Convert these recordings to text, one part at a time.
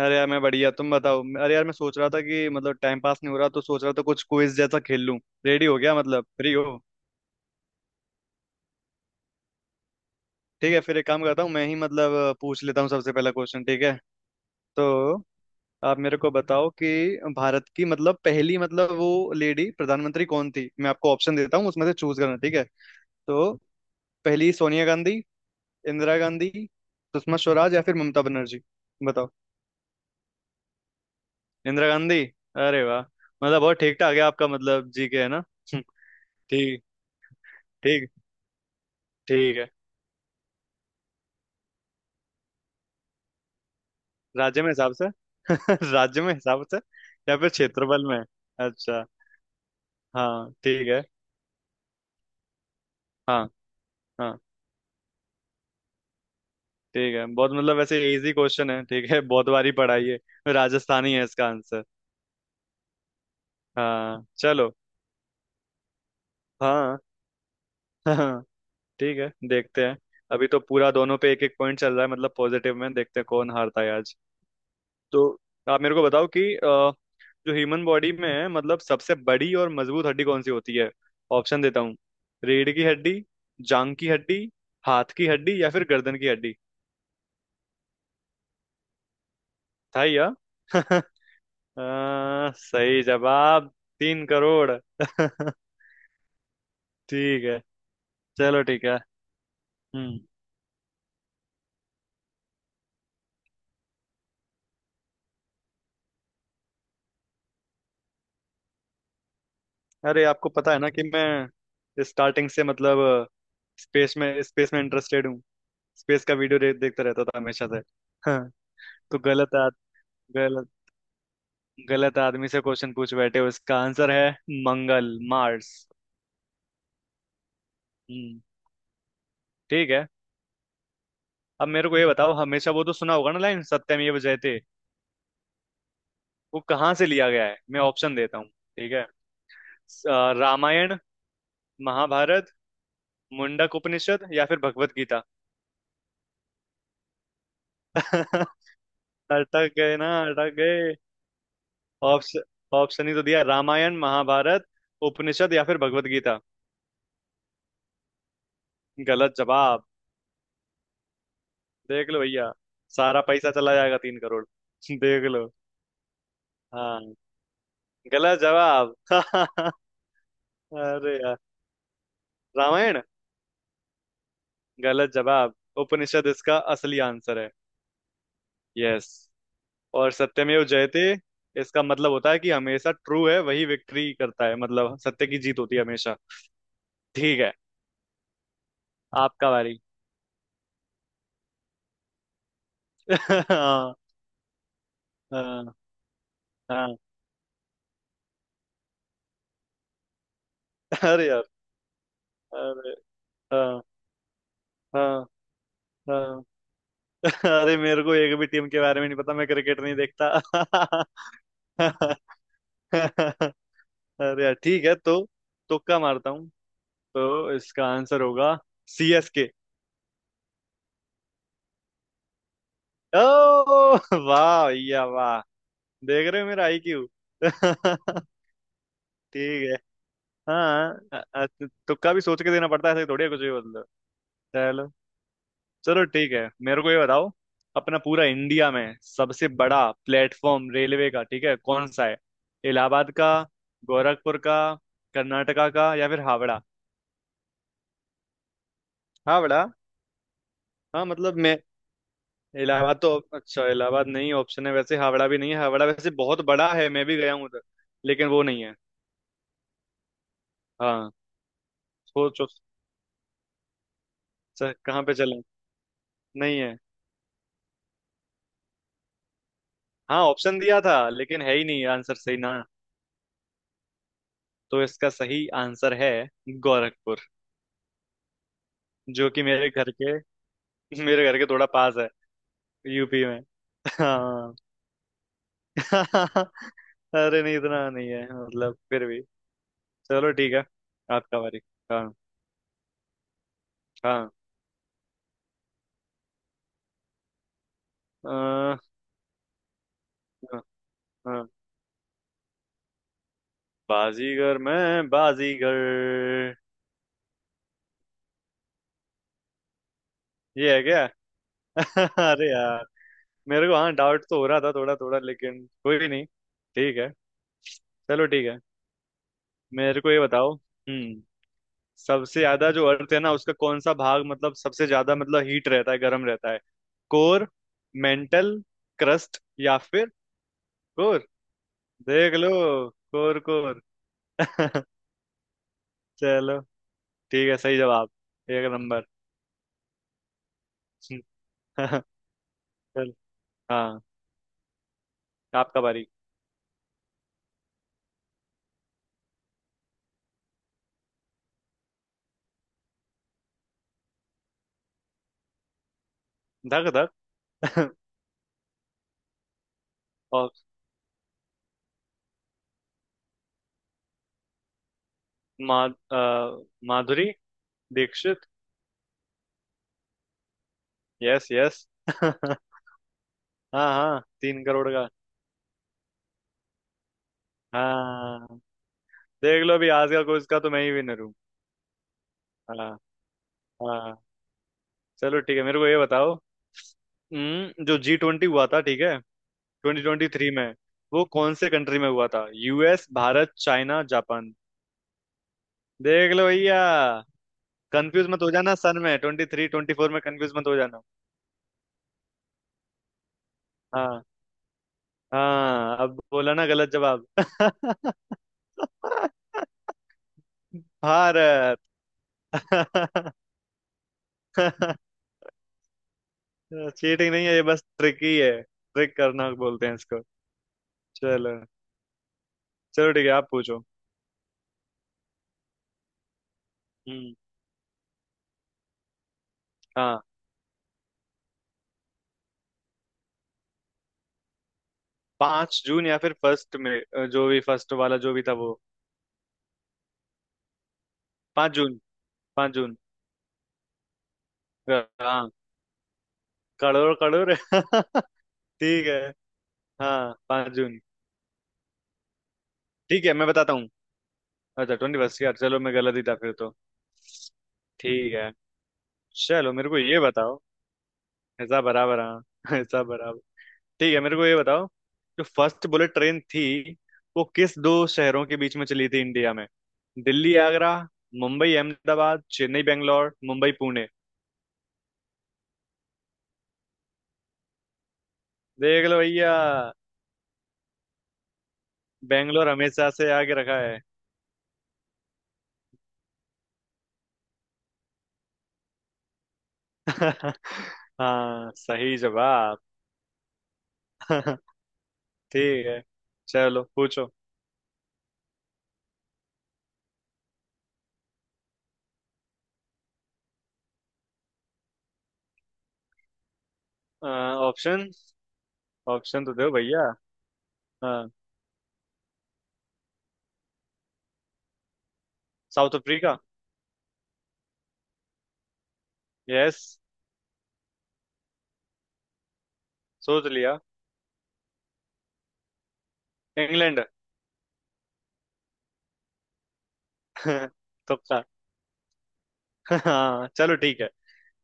अरे यार मैं बढ़िया। तुम बताओ। अरे यार, मैं सोच रहा था कि मतलब टाइम पास नहीं हो रहा, तो सोच रहा था कुछ क्विज जैसा खेल लूं। रेडी हो गया? मतलब फ्री हो? ठीक है, फिर एक काम करता हूँ, मैं ही मतलब पूछ लेता हूँ सबसे पहला क्वेश्चन। ठीक है। तो आप मेरे को बताओ कि भारत की मतलब पहली, मतलब वो लेडी प्रधानमंत्री कौन थी? मैं आपको ऑप्शन देता हूँ उसमें से चूज करना, ठीक है। तो पहली, सोनिया गांधी, इंदिरा गांधी, सुषमा स्वराज या फिर ममता बनर्जी? बताओ। इंदिरा गांधी। अरे वाह! मतलब बहुत ठीक ठाक है आपका मतलब, जी के, है ना? ठीक। ठीक। ठीक है। राज्य में हिसाब से? राज्य में हिसाब से या फिर क्षेत्रफल में? अच्छा। हाँ ठीक है। हाँ, हाँ। ठीक है, बहुत मतलब वैसे इजी क्वेश्चन है, ठीक है बहुत बार ही पढ़ा है ये। राजस्थान ही है इसका आंसर। हाँ चलो। हाँ हाँ। ठीक है, देखते हैं। अभी तो पूरा दोनों पे एक एक पॉइंट चल रहा है मतलब पॉजिटिव में। देखते हैं कौन हारता है आज। तो आप मेरे को बताओ कि जो ह्यूमन बॉडी में है मतलब सबसे बड़ी और मजबूत हड्डी कौन सी होती है? ऑप्शन देता हूँ। रीढ़ की हड्डी, जांग की हड्डी, हाथ की हड्डी या फिर गर्दन की हड्डी? था या? सही जवाब। 3 करोड़। ठीक है। चलो ठीक है। हम्म। अरे आपको पता है ना कि मैं स्टार्टिंग से मतलब स्पेस में इंटरेस्टेड हूँ। स्पेस का वीडियो देखता रहता था हमेशा से। हाँ, तो गलत। गलत आदमी से क्वेश्चन पूछ बैठे हो। इसका आंसर है मंगल, मार्स। हम्म। ठीक है। अब मेरे को ये बताओ, हमेशा वो तो सुना होगा ना लाइन सत्यमेव जयते, वो कहाँ से लिया गया है? मैं ऑप्शन देता हूँ, ठीक है। रामायण, महाभारत, मुंडक उपनिषद या फिर भगवत गीता? अटक गए ना, अटक गए। ऑप्शन? ऑप्शन ही तो दिया। रामायण, महाभारत, उपनिषद या फिर भगवत गीता। गलत जवाब। देख लो भैया, सारा पैसा चला जाएगा 3 करोड़। देख लो। हाँ। गलत जवाब। अरे यार, रामायण। गलत जवाब। उपनिषद इसका असली आंसर है। यस। और सत्यमेव जयते, इसका मतलब होता है कि हमेशा ट्रू है वही विक्ट्री करता है, मतलब सत्य की जीत होती है हमेशा। ठीक है। आपका बारी। हाँ, हाँ, हाँ, अरे यार, अरे, हाँ, हाँ, हाँ। अरे, मेरे को एक भी टीम के बारे में नहीं पता, मैं क्रिकेट नहीं देखता। अरे यार, ठीक है तो तुक्का मारता हूँ। तो इसका आंसर होगा CSK। ओ, वाह भैया वाह। देख रहे हो मेरा IQ। ठीक है। हाँ, तुक्का भी सोच के देना पड़ता है, ऐसे थोड़ी है कुछ भी मतलब। चलो। चलो ठीक है, मेरे को ये बताओ। अपना पूरा इंडिया में सबसे बड़ा प्लेटफॉर्म रेलवे का, ठीक है, कौन सा है? इलाहाबाद का, गोरखपुर का, कर्नाटका का या फिर हावड़ा? हावड़ा। हाँ मतलब मैं इलाहाबाद तो, अच्छा, इलाहाबाद नहीं ऑप्शन है, वैसे हावड़ा भी नहीं है। हावड़ा वैसे बहुत बड़ा है, मैं भी गया हूँ उधर, लेकिन वो नहीं है। हाँ। सोचो सर, कहाँ पे चलें, नहीं है। हाँ ऑप्शन दिया था लेकिन है ही नहीं आंसर सही ना। तो इसका सही आंसर है गोरखपुर। जो कि मेरे घर के थोड़ा पास है, यूपी में। हाँ। अरे नहीं, इतना नहीं है मतलब, फिर भी। चलो ठीक है। आपका बारी। हाँ। हाँ। हाँ। हाँ। बाजीगर, मैं बाजीगर। ये है क्या? अरे यार। मेरे को हाँ डाउट तो हो रहा था थोड़ा थोड़ा, लेकिन कोई भी नहीं। ठीक है। चलो ठीक है, मेरे को ये बताओ। सबसे ज्यादा जो अर्थ है ना, उसका कौन सा भाग मतलब सबसे ज्यादा मतलब हीट रहता है, गर्म रहता है? कोर, मेंटल, क्रस्ट या फिर कोर? देख लो। कोर। कोर। चलो ठीक है, सही जवाब। एक नंबर। चल। हाँ, आपका बारी। धक धक। और मा, अ, माधुरी दीक्षित। Yes, yes. हाँ, हाँ, 3 करोड़ का। हाँ, देख लो अभी आज का क्विज का तो मैं ही विनर हूँ। हाँ। हाँ। चलो ठीक है, मेरे को ये बताओ। जो G20 हुआ था, ठीक है, 2023 में, वो कौन से कंट्री में हुआ था? US, Bharat, China, Japan? देख लो भैया, कंफ्यूज मत हो जाना सन में, 2023 2024 में कंफ्यूज मत हो जाना। हाँ। हाँ, अब बोला ना गलत जवाब। भारत। चीटिंग नहीं है ये, बस ट्रिक ही है, ट्रिक करना बोलते हैं इसको। चलो। चलो ठीक है, आप पूछो। हम्म। हाँ, 5 जून या फिर फर्स्ट में, जो भी फर्स्ट वाला जो भी था वो। पांच जून। पांच जून। हाँ। करोड़, करोड़। ठीक है। हाँ, पांच जून। ठीक है, मैं बताता हूँ। अच्छा, 21। यार चलो, मैं गलत ही था फिर तो। ठीक है। चलो मेरे को ये बताओ। ऐसा बराबर हाँ ऐसा बराबर। ठीक है, मेरे को ये बताओ, जो फर्स्ट बुलेट ट्रेन थी, वो किस दो शहरों के बीच में चली थी इंडिया में? दिल्ली आगरा, मुंबई अहमदाबाद, चेन्नई बेंगलोर, मुंबई पुणे? देख लो भैया, बेंगलोर हमेशा से आगे रखा है। हाँ सही जवाब। ठीक है, चलो पूछो। ऑप्शन? ऑप्शन तो दो भैया। हाँ, साउथ अफ्रीका। यस। सोच लिया। इंग्लैंड। तुक्का। हाँ चलो ठीक है।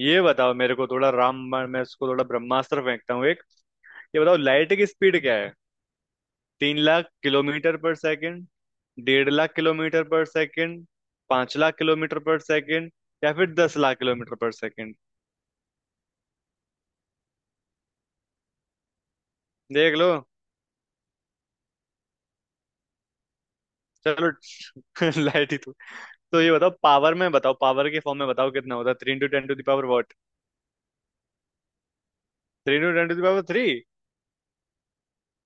ये बताओ मेरे को, थोड़ा राम, मैं उसको थोड़ा ब्रह्मास्त्र फेंकता हूँ एक। ये बताओ, लाइट की स्पीड क्या है? 3 लाख किलोमीटर पर सेकंड, 1.5 लाख किलोमीटर पर सेकंड, 5 लाख किलोमीटर पर सेकंड या फिर 10 लाख किलोमीटर पर सेकंड? देख लो। चलो लाइट ही तो। तो ये बताओ, पावर में बताओ, पावर के फॉर्म में बताओ, कितना होता है? Three into ten to the power वॉट? Three into ten to the power three?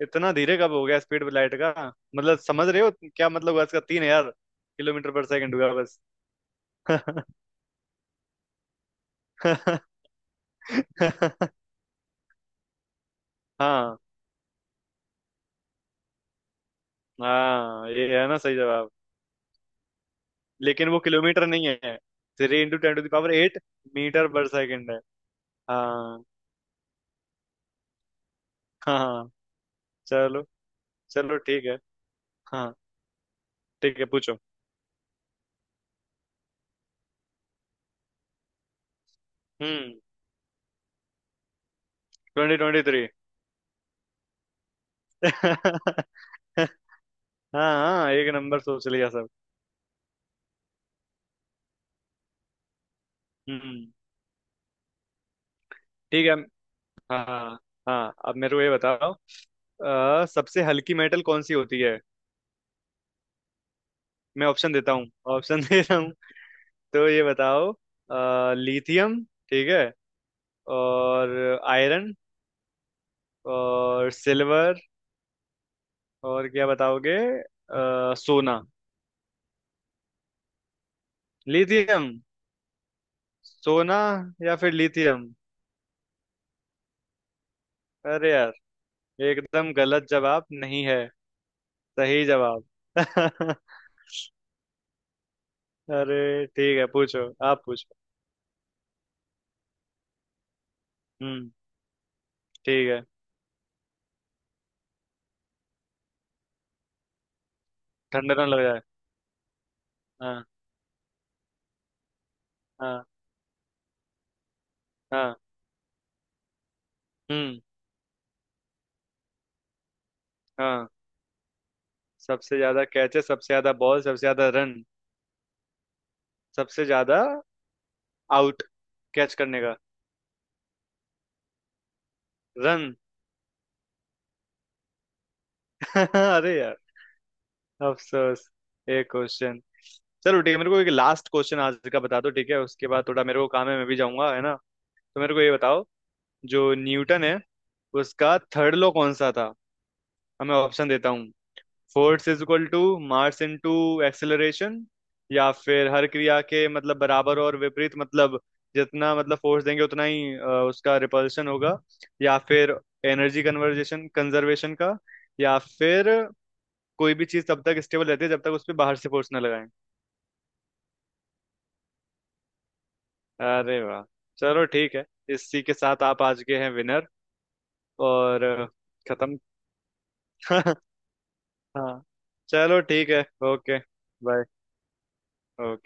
इतना धीरे कब हो गया स्पीड लाइट का? मतलब समझ रहे हो? क्या मतलब हुआ इसका? 3 हजार किलोमीटर पर सेकंड हुआ बस। हाँ, हाँ। ये है ना सही जवाब। लेकिन वो किलोमीटर नहीं है, three into ten to the power eight metre पर सेकंड है। हाँ, हाँ, हाँ। चलो। चलो ठीक है। हाँ। ठीक है, पूछो। हम्म 2023। हाँ, हाँ, एक नंबर सोच लिया सब। हम्म। ठीक है। हाँ। हाँ, अब मेरे को ये बताओ, सबसे हल्की मेटल कौन सी होती है? मैं ऑप्शन देता हूँ। ऑप्शन दे रहा हूँ। तो ये बताओ, लिथियम, ठीक है, और आयरन और सिल्वर और क्या बताओगे, सोना? लिथियम। सोना या फिर लिथियम? अरे यार, एकदम गलत जवाब नहीं है। सही जवाब। अरे ठीक है, पूछो आप पूछो। हम्म। ठीक है। ठंडा ना लग जाए। हाँ। हाँ। हाँ। हम्म। हाँ, सबसे ज्यादा कैचे, सबसे ज्यादा बॉल, सबसे ज्यादा रन, सबसे ज्यादा आउट कैच करने का। रन। अरे यार, अफसोस। एक क्वेश्चन। चलो ठीक है, मेरे को एक लास्ट क्वेश्चन आज का बता दो, ठीक है? उसके बाद थोड़ा मेरे को काम है, मैं भी जाऊंगा, है ना? तो मेरे को ये बताओ, जो न्यूटन है, उसका थर्ड लॉ कौन सा था? अब मैं ऑप्शन देता हूँ। Force is equal to mass into acceleration, या फिर हर क्रिया के मतलब बराबर और विपरीत, मतलब जितना मतलब फोर्स देंगे उतना ही उसका रिपल्शन होगा, या फिर एनर्जी कन्वर्जेशन कंजर्वेशन का, या फिर कोई भी चीज तब तक स्टेबल रहती है जब तक उस पर बाहर से फोर्स ना लगाएं? अरे वाह। चलो ठीक है। इसी के साथ आप आज के हैं विनर। और खत्म। हाँ चलो ठीक है। ओके। बाय।